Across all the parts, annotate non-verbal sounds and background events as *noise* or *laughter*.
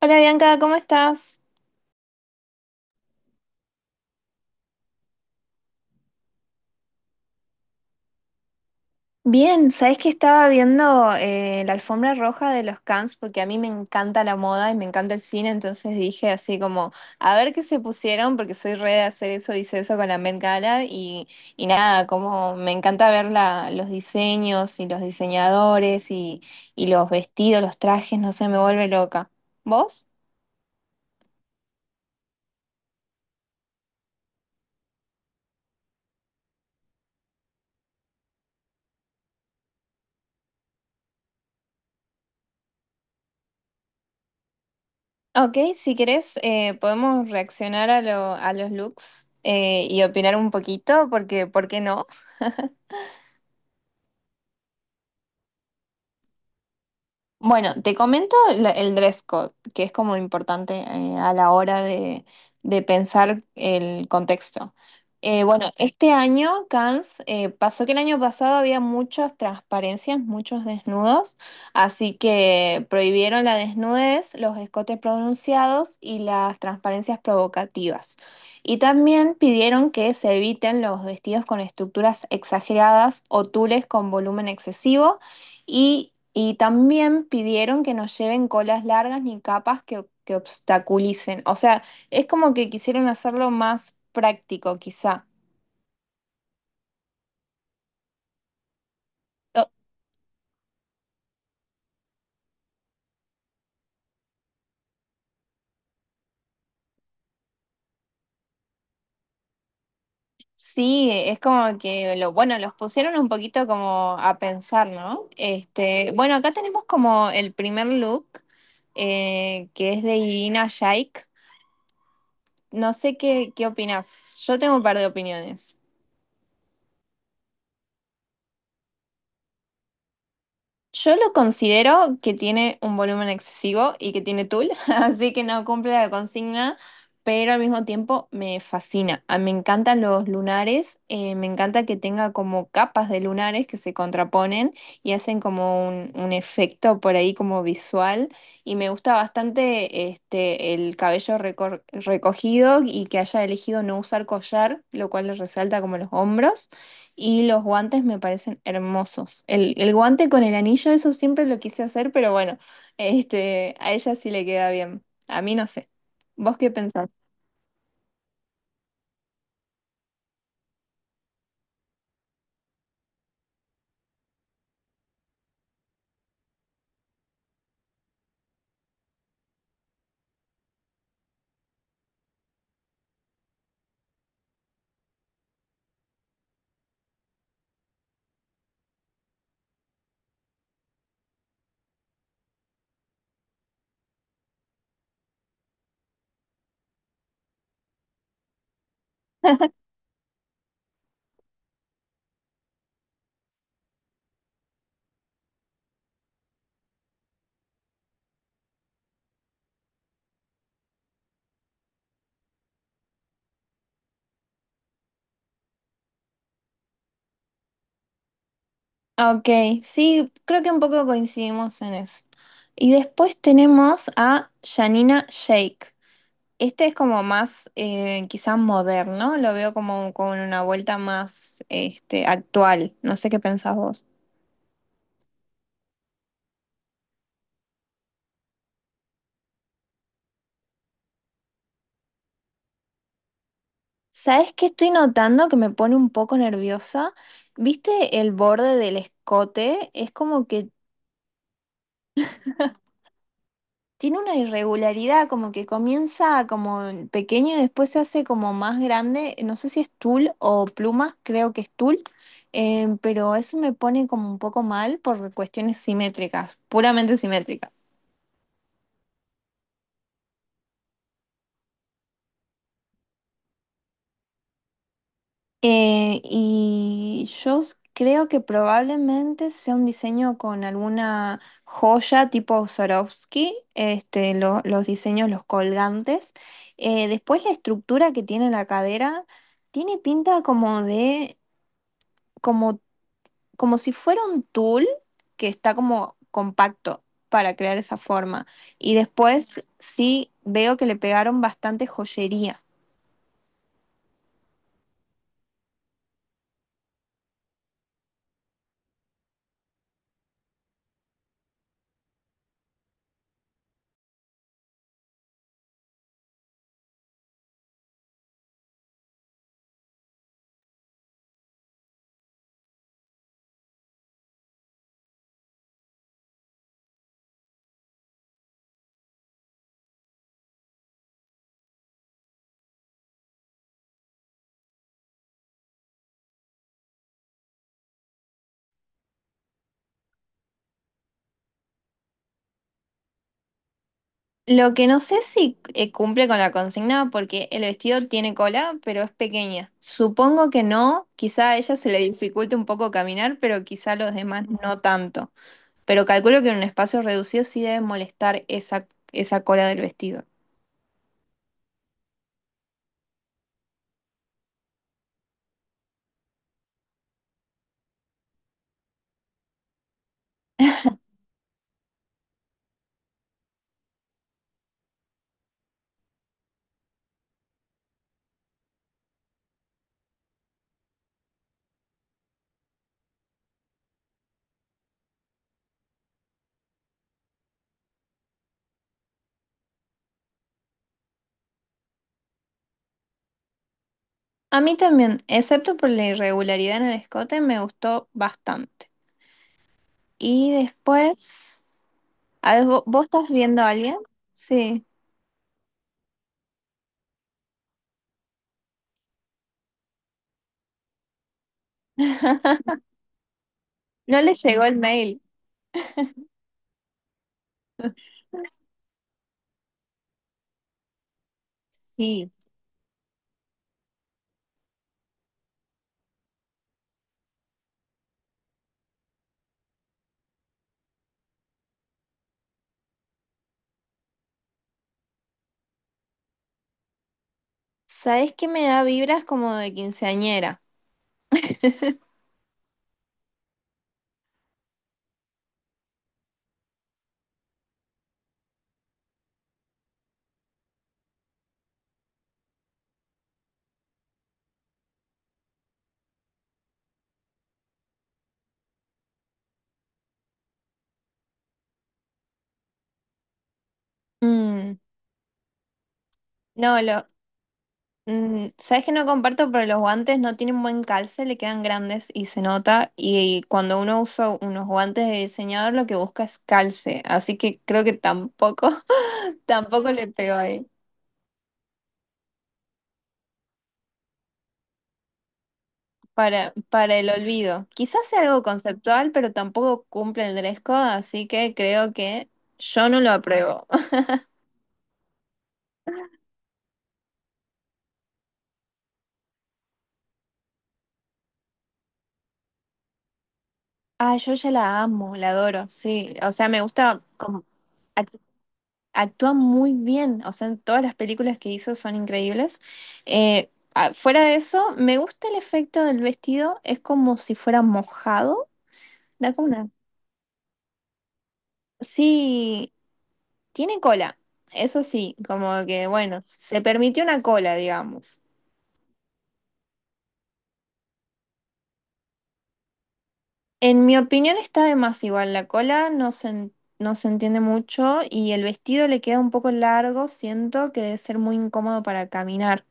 Hola Bianca, ¿cómo estás? Bien, sabes que estaba viendo ¿la alfombra roja de los Cannes? Porque a mí me encanta la moda y me encanta el cine, entonces dije así como, a ver qué se pusieron, porque soy re de hacer eso, hice eso con la Met Gala y nada, como me encanta ver los diseños y los diseñadores y los vestidos, los trajes, no sé, me vuelve loca. ¿Vos? Ok, si querés, podemos reaccionar a, a los looks, y opinar un poquito, porque ¿por qué no? Bueno, te comento el dress code, que es como importante, a la hora de pensar el contexto. Bueno, este año, Cannes, pasó que el año pasado había muchas transparencias, muchos desnudos, así que prohibieron la desnudez, los escotes pronunciados y las transparencias provocativas. Y también pidieron que se eviten los vestidos con estructuras exageradas o tules con volumen excesivo y también pidieron que no lleven colas largas ni capas que obstaculicen. O sea, es como que quisieron hacerlo más práctico, quizá. O- Sí, es como que bueno, los pusieron un poquito como a pensar, ¿no? Este, bueno, acá tenemos como el primer look, que es de Irina Shayk. No sé qué opinas. Yo tengo un par de opiniones. Yo lo considero que tiene un volumen excesivo y que tiene tul, *laughs* así que no cumple la consigna, pero al mismo tiempo me fascina. Ah, me encantan los lunares, me encanta que tenga como capas de lunares que se contraponen y hacen como un efecto por ahí como visual. Y me gusta bastante este, el cabello recogido y que haya elegido no usar collar, lo cual le resalta como los hombros. Y los guantes me parecen hermosos. El guante con el anillo, eso siempre lo quise hacer, pero bueno, este, a ella sí le queda bien. A mí no sé. ¿Vos qué pensás? *laughs* Ok, sí, creo que un poco coincidimos en eso. Y después tenemos a Janina Shake. Este es como más, quizás moderno, lo veo como con una vuelta más, este, actual. No sé qué pensás vos. ¿Sabes qué estoy notando que me pone un poco nerviosa? ¿Viste el borde del escote? Es como que tiene una irregularidad, como que comienza como en pequeño y después se hace como más grande. No sé si es tul o plumas, creo que es tul, pero eso me pone como un poco mal por cuestiones simétricas, puramente simétricas. Y yo creo que probablemente sea un diseño con alguna joya tipo Swarovski, este, los diseños, los colgantes. Después la estructura que tiene la cadera tiene pinta como de, como, como si fuera un tul que está como compacto para crear esa forma. Y después sí veo que le pegaron bastante joyería. Lo que no sé si cumple con la consigna porque el vestido tiene cola, pero es pequeña. Supongo que no, quizá a ella se le dificulte un poco caminar, pero quizá a los demás no tanto. Pero calculo que en un espacio reducido sí debe molestar esa cola del vestido. A mí también, excepto por la irregularidad en el escote, me gustó bastante. Y después, a ver, ¿vos estás viendo a alguien? Sí. *laughs* ¿No le llegó el mail? Sí. ¿Sabes qué me da vibras como de quinceañera? *laughs* Mm, no, lo, mm, ¿sabes que no comparto? Pero los guantes no tienen buen calce, le quedan grandes y se nota. Y cuando uno usa unos guantes de diseñador, lo que busca es calce. Así que creo que tampoco, *laughs* tampoco le pego ahí. Para el olvido. Quizás sea algo conceptual, pero tampoco cumple el dress code, así que creo que yo no lo apruebo. Ah, yo ya la amo, la adoro, sí. O sea, me gusta como act- actúa muy bien. O sea, todas las películas que hizo son increíbles. Fuera de eso, me gusta el efecto del vestido. Es como si fuera mojado. Da como una. Sí, tiene cola. Eso sí, como que bueno, se permitió una cola, digamos. En mi opinión está de más igual, la cola no se, no se entiende mucho y el vestido le queda un poco largo, siento que debe ser muy incómodo para caminar.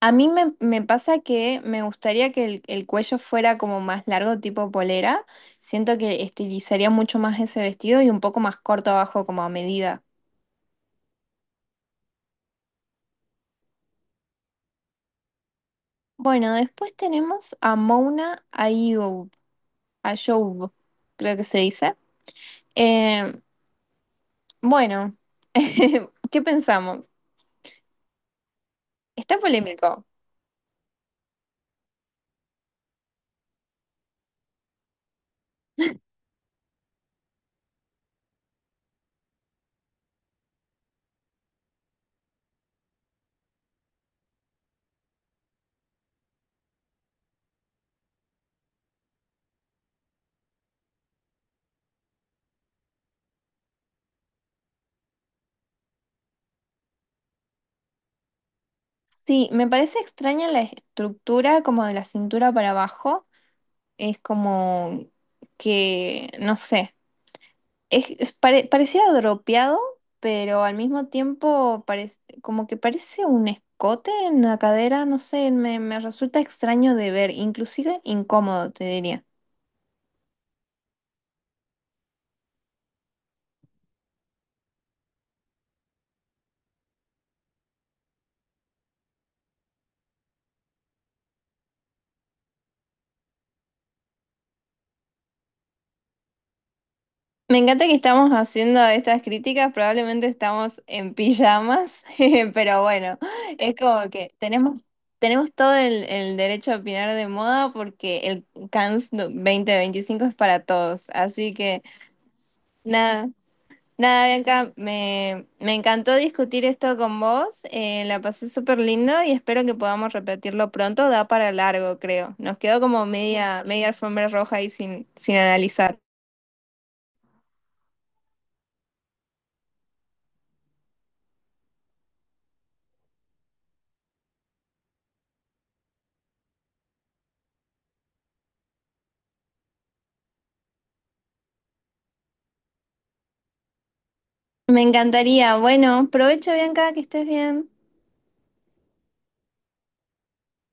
A mí me pasa que me gustaría que el cuello fuera como más largo, tipo polera, siento que estilizaría mucho más ese vestido y un poco más corto abajo como a medida. Bueno, después tenemos a Mona Ayoub, Ayoub, creo que se dice. Eh, bueno, *laughs* ¿qué pensamos? Está polémico. Sí, me parece extraña la estructura como de la cintura para abajo. Es como no sé, parecía dropeado, pero al mismo tiempo como que parece un escote en la cadera, no sé, me resulta extraño de ver, inclusive incómodo, te diría. Me encanta que estamos haciendo estas críticas, probablemente estamos en pijamas, *laughs* pero bueno, es como que tenemos todo el derecho a opinar de moda porque el Cannes do- 2025 es para todos. Así que nada, nada, Bianca, me encantó discutir esto con vos, la pasé súper lindo y espero que podamos repetirlo pronto, da para largo, creo. Nos quedó como media alfombra roja ahí sin, sin analizar. Me encantaría. Bueno, provecho, Bianca, que estés bien.